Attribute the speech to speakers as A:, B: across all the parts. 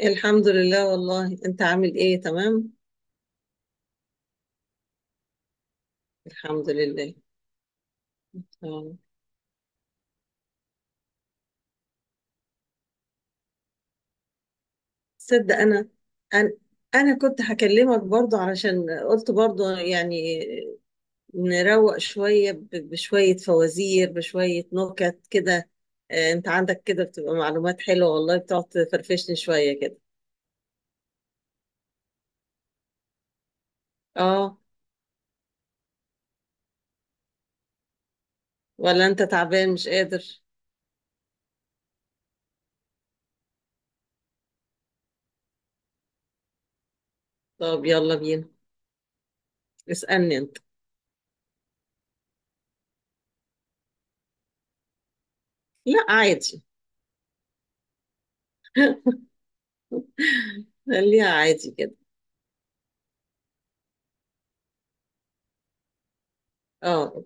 A: الحمد لله، والله انت عامل ايه؟ تمام، الحمد لله. اه. تصدق، انا انا كنت هكلمك برضو علشان قلت برضو، يعني نروق شوية، بشوية فوازير، بشوية نكت كده. انت عندك كده بتبقى معلومات حلوة، والله بتقعد تفرفشني شوية كده. اه، ولا انت تعبان مش قادر؟ طب، يلا بينا. اسألني انت. لا، عادي. خليها عادي كده. اه،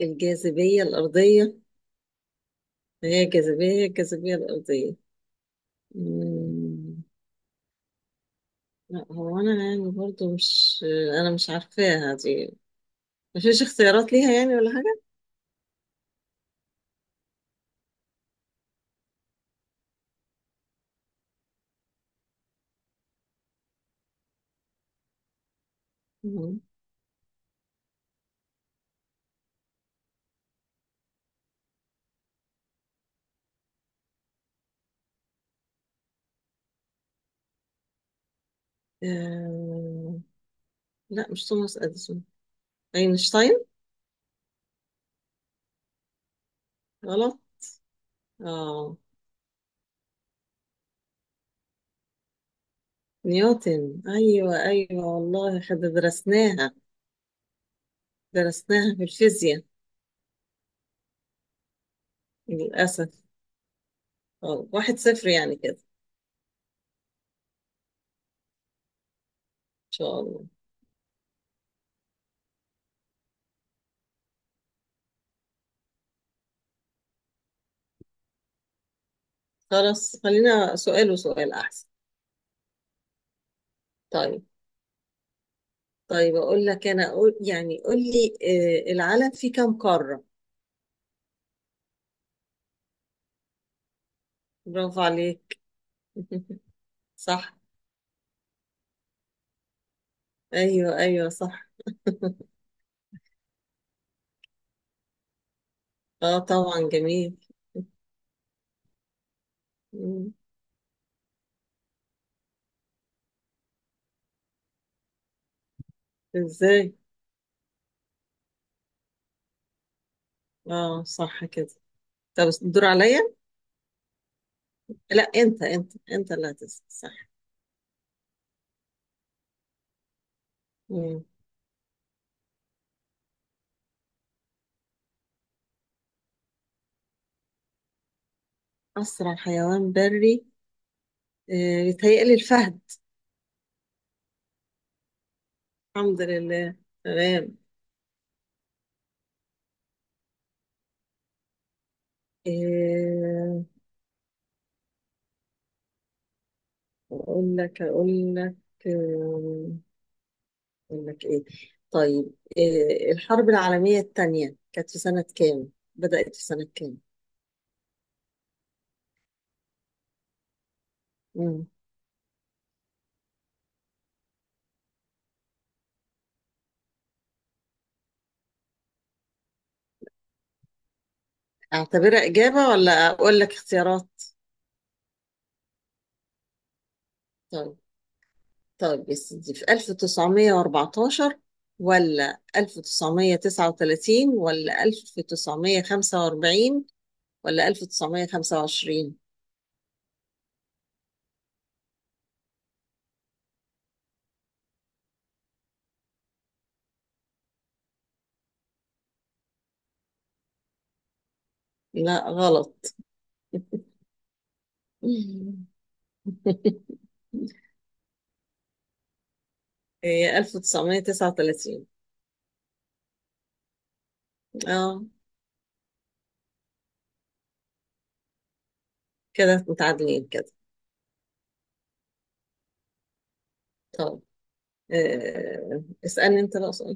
A: الجاذبية الأرضية. هي الجاذبية الأرضية. مم. لا، هو أنا يعني برضو مش، أنا مش عارفاها دي. مفيش اختيارات ليها يعني ولا حاجة. مم. آه... لا، مش توماس أديسون. أينشتاين. غلط. آه نيوتن، أيوة أيوة والله، خد درسناها. درسناها في الفيزياء. للأسف. 1-0 يعني كده. إن شاء الله. خلاص، خلينا سؤال وسؤال أحسن. طيب. طيب، اقول لك انا أقول يعني قول لي. العالم فيه كم قارة؟ برافو عليك. صح. ايوه ايوه صح. اه طبعا، جميل. مم. ازاي؟ اه، صح كده. طب، الدور عليا. لا، انت اللي هتسأل، صح؟ مم. اسرع حيوان بري. بيتهيألي الفهد. الحمد لله. تمام. آه، اقول لك. آه، اقول لك ايه. طيب، إيه الحرب العالمية الثانية كانت في سنة كام؟ بدأت في سنة كام؟ مم. اعتبرها إجابة ولا اقول لك اختيارات؟ طيب. طيب، يا سيدي، في 1914 ولا 1939 ولا 1945 ولا 1925؟ لا، غلط. هي 1939. اه، كده متعادلين كده. طب، اسألني انت بقى سؤال.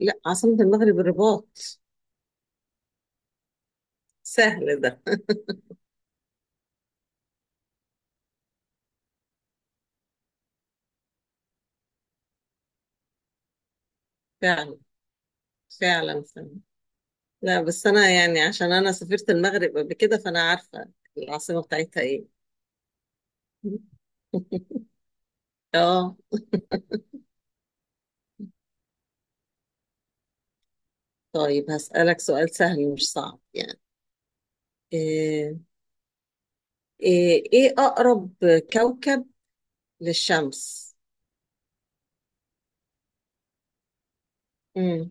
A: لا، عاصمة المغرب الرباط. سهل ده. فعلا فعلا فعلا، لا بس انا يعني عشان انا سافرت المغرب قبل كده، فانا عارفة العاصمة بتاعتها ايه. اه، طيب، هسألك سؤال سهل مش صعب يعني. ايه إيه اقرب كوكب للشمس؟ مم.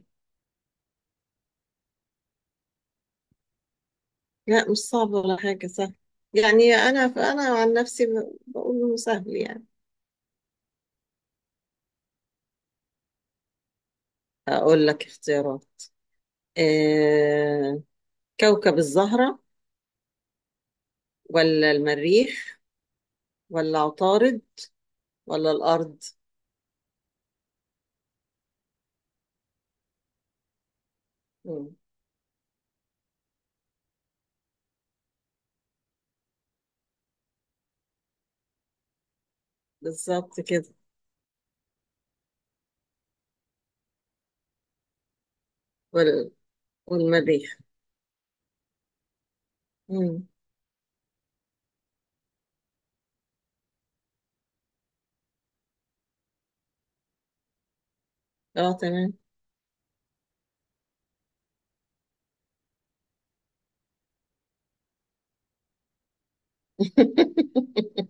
A: لا، مش صعب ولا حاجة، سهل. يعني انا عن نفسي، بقول انه سهل يعني. اقول لك اختيارات. آه، كوكب الزهرة، ولا المريخ، ولا عطارد، ولا الأرض؟ مم. بالظبط كده. وال... والمريخ. مم. اه، تمام.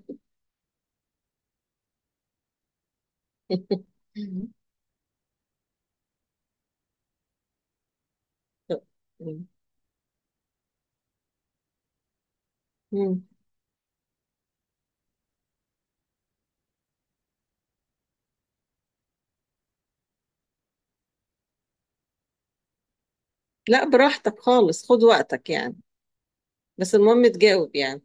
A: مم. مم. لا، براحتك خالص، خد وقتك يعني. بس المهم تجاوب يعني.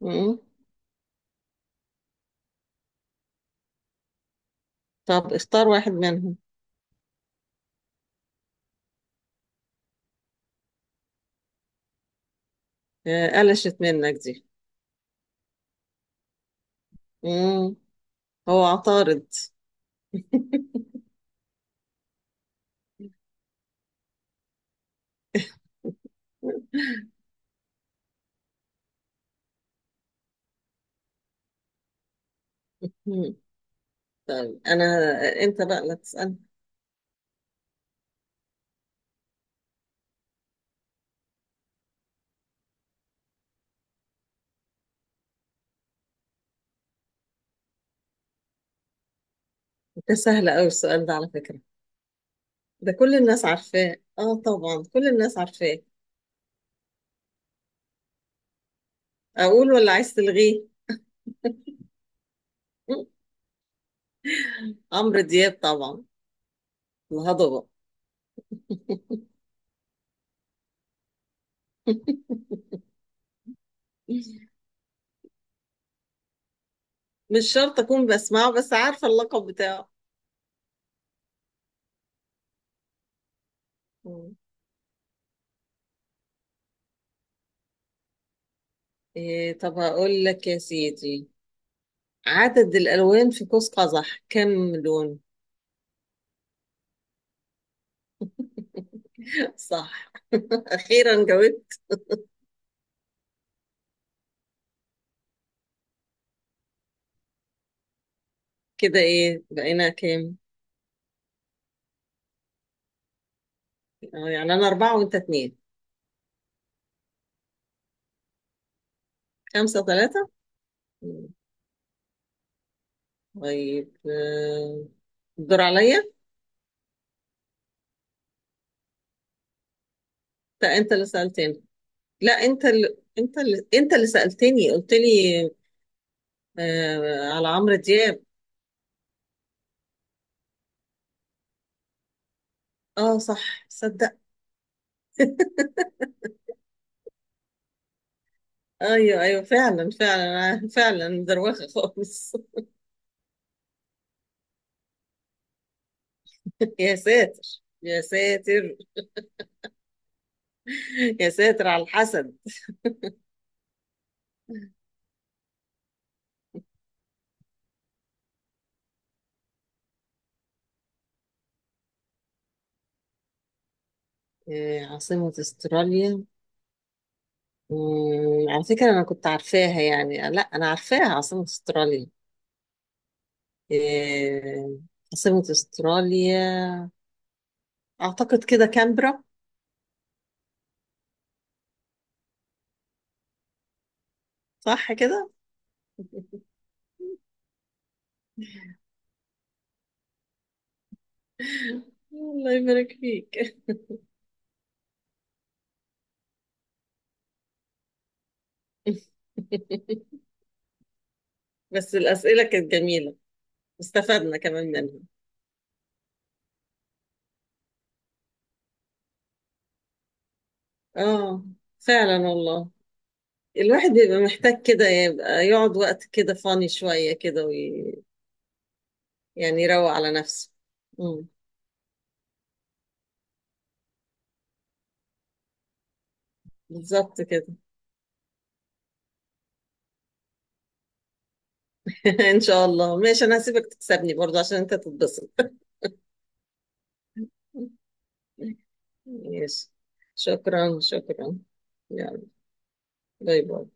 A: مم. طب، اختار واحد منهم. قلشت منك دي. مم. هو عطارد. مم. طيب انا. انت بقى لا تسأل. انت سهل قوي السؤال ده على فكرة. ده كل الناس عارفاه، اه طبعا كل الناس عارفاه. اقول ولا عايز تلغيه؟ م- عمرو دياب طبعا. الهضبة. مش شرط اكون بسمعه، بس عارفة اللقب بتاعه. م. إيه؟ طب، هقول لك يا سيدي، عدد الالوان في قوس قزح كم لون؟ صح. اخيرا جاوبت. كده ايه بقينا كام؟ يعني انا اربعة وانت اتنين. 5-3. طيب، الدور عليا. لا، انت اللي سألتني. لا، انت اللي سألتني، قلت لي، على عمرو دياب. اه صح، صدق. ايوه ايوه فعلا فعلا، فعلا دروخه خالص. يا ساتر، يا ساتر، يا ساتر على الحسد. عاصمة استراليا. على فكرة انا كنت عارفاها يعني، لا انا عارفاها عاصمة استراليا. آه عاصمة استراليا، اعتقد كده كامبرا. صح كده. الله يبارك فيك. بس الأسئلة كانت جميلة. استفدنا كمان منها. اه فعلا والله. الواحد بيبقى محتاج كده يبقى يقعد وقت كده فاني شوية كده، يعني يروق على نفسه. مم. بالظبط كده. إن شاء الله، ماشي، أنا هسيبك تكسبني برضه عشان أنت تتبسط. ماشي. شكرا شكرا. يلا، باي باي.